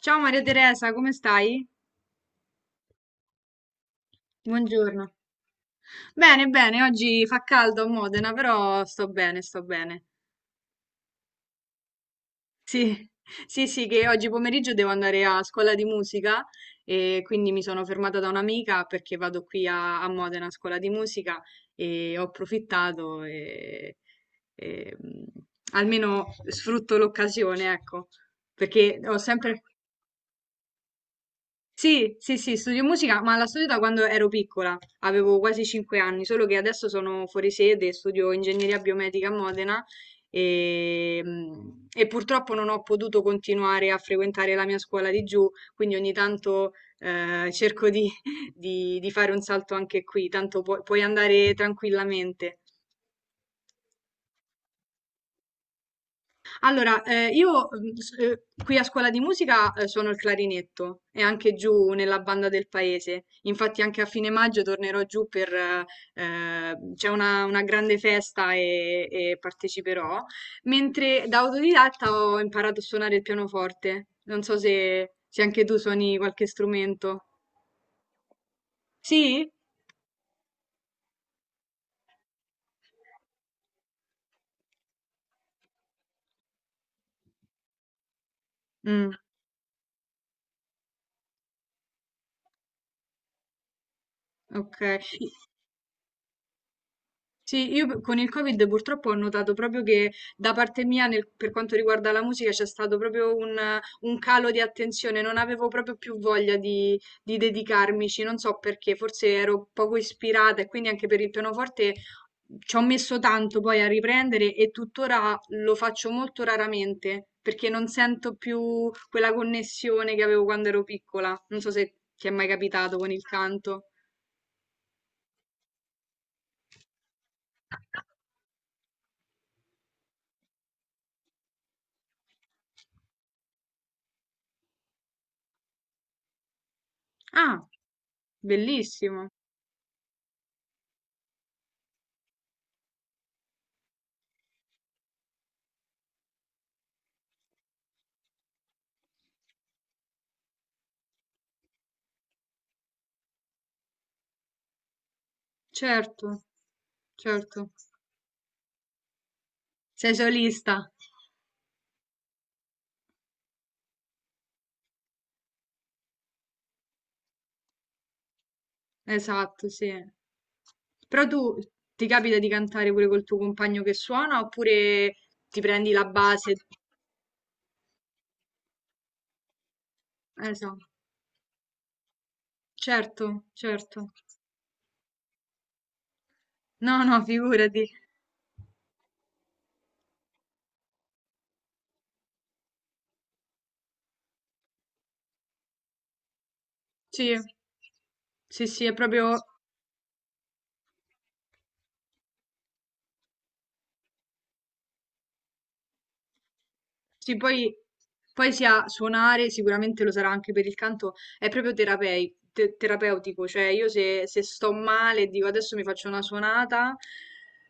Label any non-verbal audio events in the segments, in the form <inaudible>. Ciao Maria Teresa, come stai? Buongiorno. Bene, bene, oggi fa caldo a Modena, però sto bene, sto bene. Sì, <laughs> sì, sì, che oggi pomeriggio devo andare a scuola di musica e quindi mi sono fermata da un'amica perché vado qui a Modena a scuola di musica e ho approfittato e, e, mm, almeno sfrutto l'occasione, ecco, perché ho sempre... Sì, sì, sì, studio musica, ma la studio da quando ero piccola, avevo quasi 5 anni, solo che adesso sono fuori sede, studio ingegneria biomedica a Modena e, mm, e purtroppo non ho potuto continuare a frequentare la mia scuola di giù, quindi ogni tanto cerco di, <laughs> di fare un salto anche qui, tanto puoi andare tranquillamente. Allora, io qui a scuola di musica suono il clarinetto e anche giù nella banda del paese. Infatti anche a fine maggio tornerò giù per... c'è una grande festa e parteciperò. Mentre da autodidatta ho imparato a suonare il pianoforte. Non so se anche tu suoni qualche strumento. Sì? Mm, ok. Sì, io con il Covid purtroppo ho notato proprio che da parte mia, per quanto riguarda la musica, c'è stato proprio un calo di attenzione, non avevo proprio più voglia di dedicarmici, non so perché, forse ero poco ispirata e quindi anche per il pianoforte ci ho messo tanto poi a riprendere e tuttora lo faccio molto raramente perché non sento più quella connessione che avevo quando ero piccola. Non so se ti è mai capitato con il canto. Ah, bellissimo, certo. Certo, sei solista. Esatto, sì. Però tu ti capita di cantare pure col tuo compagno che suona oppure ti prendi la base? Esatto, certo, certo. No, no, figurati. Sì, sì, sì, è proprio... Sì, poi, poi sia suonare, sicuramente lo sarà anche per il canto, è proprio terapeutico, cioè io se, se sto male e dico adesso mi faccio una suonata,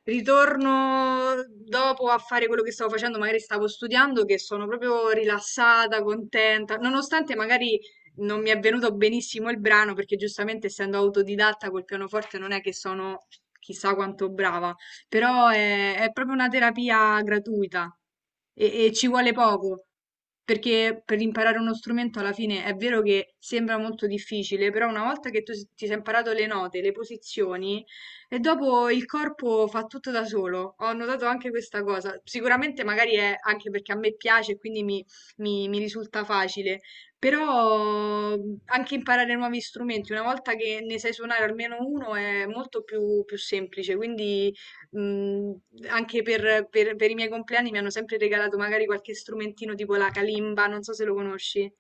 ritorno dopo a fare quello che stavo facendo, magari stavo studiando, che sono proprio rilassata, contenta, nonostante magari non mi è venuto benissimo il brano, perché giustamente essendo autodidatta col pianoforte non è che sono chissà quanto brava però è proprio una terapia gratuita e ci vuole poco, perché per imparare uno strumento alla fine è vero che sembra molto difficile, però una volta che tu ti sei imparato le note, le posizioni, e dopo il corpo fa tutto da solo. Ho notato anche questa cosa. Sicuramente magari è anche perché a me piace e quindi mi risulta facile. Però anche imparare nuovi strumenti, una volta che ne sai suonare almeno uno, è molto più, più semplice. Quindi mh, anche per i miei compleanni mi hanno sempre regalato magari qualche strumentino tipo la kalimba, non so se lo conosci.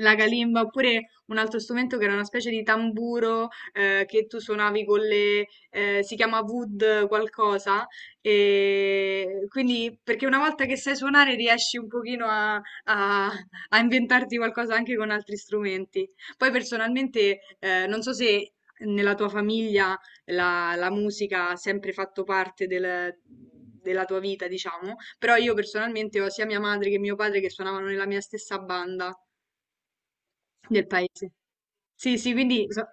La kalimba, oppure un altro strumento che era una specie di tamburo che tu suonavi con le... si chiama wood qualcosa, e quindi perché una volta che sai suonare riesci un pochino a- a inventarti qualcosa anche con altri strumenti. Poi personalmente non so se nella tua famiglia la musica ha sempre fatto parte della tua vita, diciamo, però io personalmente ho sia mia madre che mio padre che suonavano nella mia stessa banda del paese. Sì, sì, quindi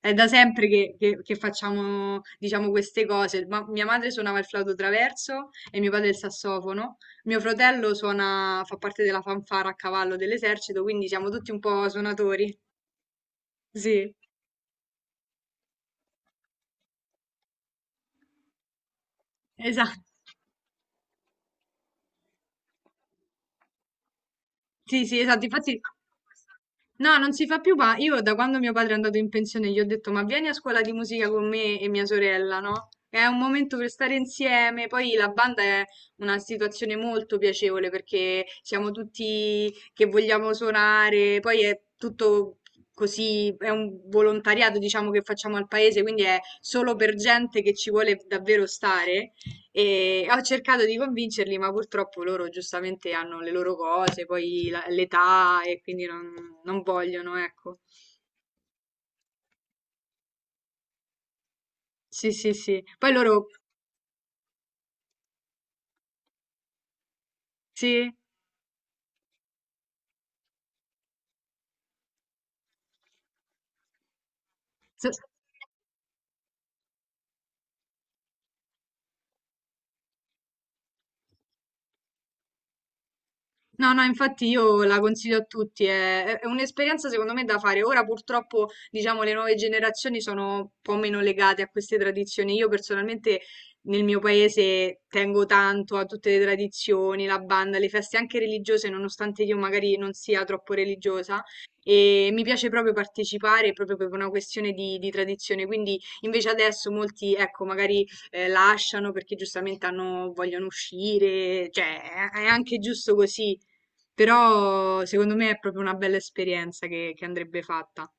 è da sempre che facciamo, diciamo, queste cose. Ma mia madre suonava il flauto traverso e mio padre il sassofono. Mio fratello suona, fa parte della fanfara a cavallo dell'esercito, quindi siamo tutti un po' suonatori. Sì, esatto. Sì, sì, esatto, infatti. No, non si fa più, ma io da quando mio padre è andato in pensione gli ho detto ma vieni a scuola di musica con me e mia sorella, no? È un momento per stare insieme, poi la banda è una situazione molto piacevole perché siamo tutti che vogliamo suonare, poi è tutto così, è un volontariato diciamo che facciamo al paese, quindi è solo per gente che ci vuole davvero stare e ho cercato di convincerli, ma purtroppo loro giustamente hanno le loro cose, poi l'età e quindi non, non vogliono, ecco. Sì, sì, sì. Poi loro, sì, so-. No, no, infatti io la consiglio a tutti, è, è un'esperienza secondo me da fare. Ora purtroppo, diciamo, le nuove generazioni sono un po' meno legate a queste tradizioni. Io personalmente nel mio paese tengo tanto a tutte le tradizioni, la banda, le feste anche religiose, nonostante io magari non sia troppo religiosa. E mi piace proprio partecipare proprio per una questione di tradizione. Quindi invece adesso molti, ecco, magari lasciano perché giustamente vogliono uscire, cioè è anche giusto così. Però secondo me è proprio una bella esperienza che andrebbe fatta.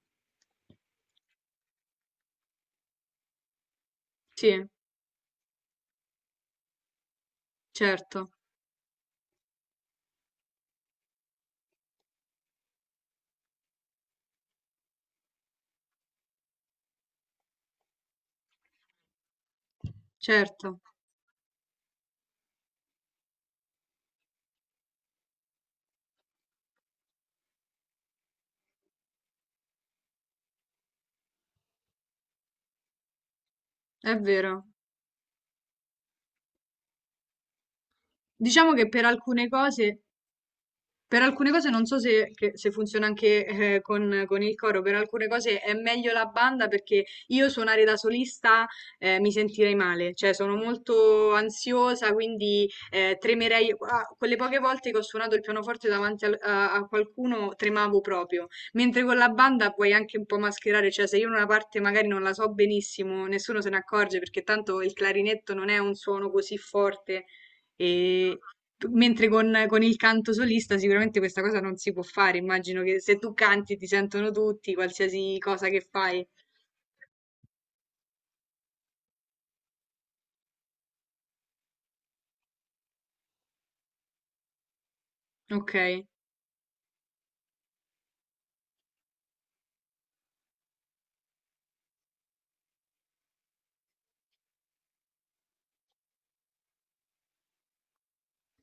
Sì, certo, certo, è vero. Diciamo che per alcune cose. Per alcune cose non so se funziona anche con il coro, per alcune cose è meglio la banda perché io suonare da solista mi sentirei male, cioè sono molto ansiosa, quindi tremerei. Ah, quelle poche volte che ho suonato il pianoforte davanti a, a qualcuno tremavo proprio, mentre con la banda puoi anche un po' mascherare, cioè se io una parte magari non la so benissimo, nessuno se ne accorge perché tanto il clarinetto non è un suono così forte e mentre con il canto solista sicuramente questa cosa non si può fare. Immagino che se tu canti ti sentono tutti, qualsiasi cosa che fai. Ok,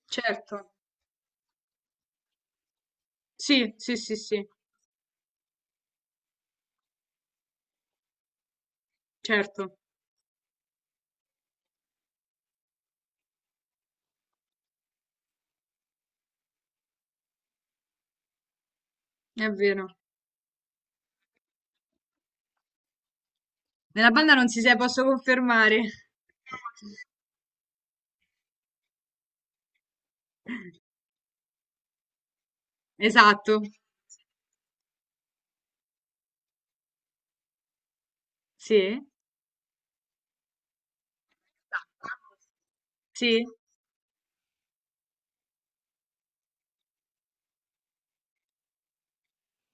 certo. Sì, sì, sì, sì, certo, è vero. Nella banda non si sa, posso confermare. <laughs> Esatto. Sì. Sì.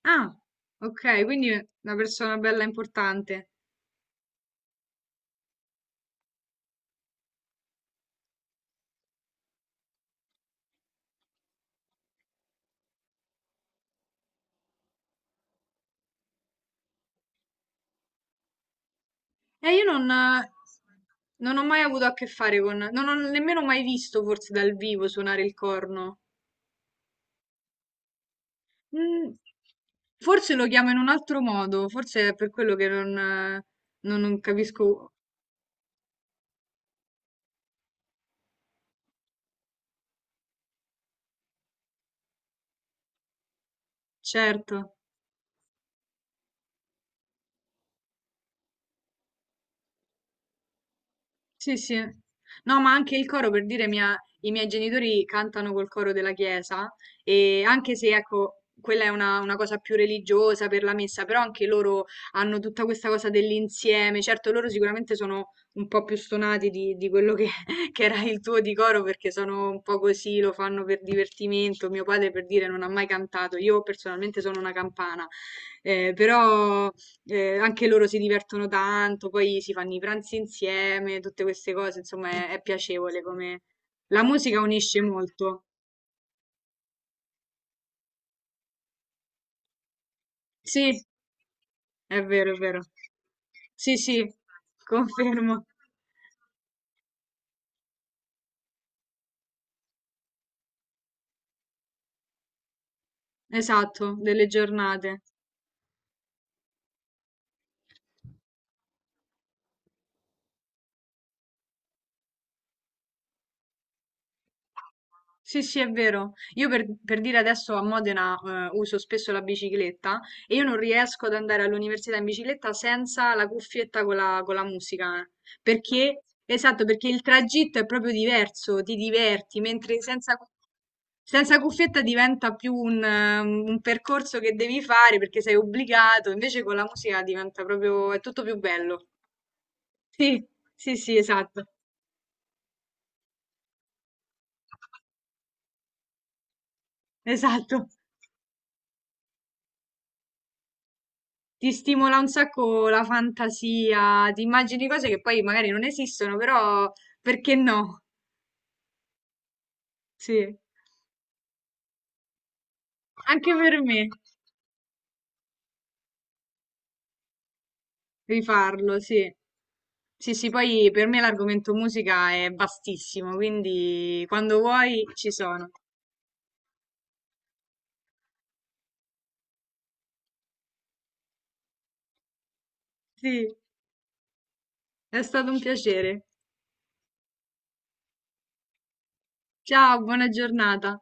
Ah, ok, quindi una persona bella importante. Io non, non ho mai avuto a che fare con, non ho nemmeno mai visto forse dal vivo suonare il corno. Mm, forse lo chiamo in un altro modo, forse è per quello che non, non capisco, certo. Sì, sì. No, ma anche il coro, per dire, i miei genitori cantano col coro della chiesa e anche se, ecco, quella è una cosa più religiosa per la messa, però anche loro hanno tutta questa cosa dell'insieme. Certo, loro sicuramente sono un po' più stonati di quello che, <laughs> che era il tuo di coro perché sono un po' così, lo fanno per divertimento. Mio padre, per dire, non ha mai cantato. Io personalmente sono una campana, però... anche loro si divertono tanto, poi si fanno i pranzi insieme, tutte queste cose, insomma, è piacevole come... La musica unisce molto. Sì, è vero, è vero. Sì, sì, confermo. Esatto, delle giornate. Sì, sì, è vero. Io per dire adesso a Modena uso spesso la bicicletta e io non riesco ad andare all'università in bicicletta senza la cuffietta con la musica. Eh. Perché, esatto, perché il tragitto è proprio diverso, ti diverti, mentre senza, senza cuffietta diventa più un percorso che devi fare perché sei obbligato, invece con la musica diventa proprio, è tutto più bello. Sì, sì, sì, esatto, esatto. Ti stimola un sacco la fantasia, ti immagini cose che poi magari non esistono, però perché no? Sì, anche per me rifarlo, sì. Sì, sì, poi per me l'argomento musica è vastissimo, quindi quando vuoi ci sono. Sì, è stato un piacere. Ciao, buona giornata.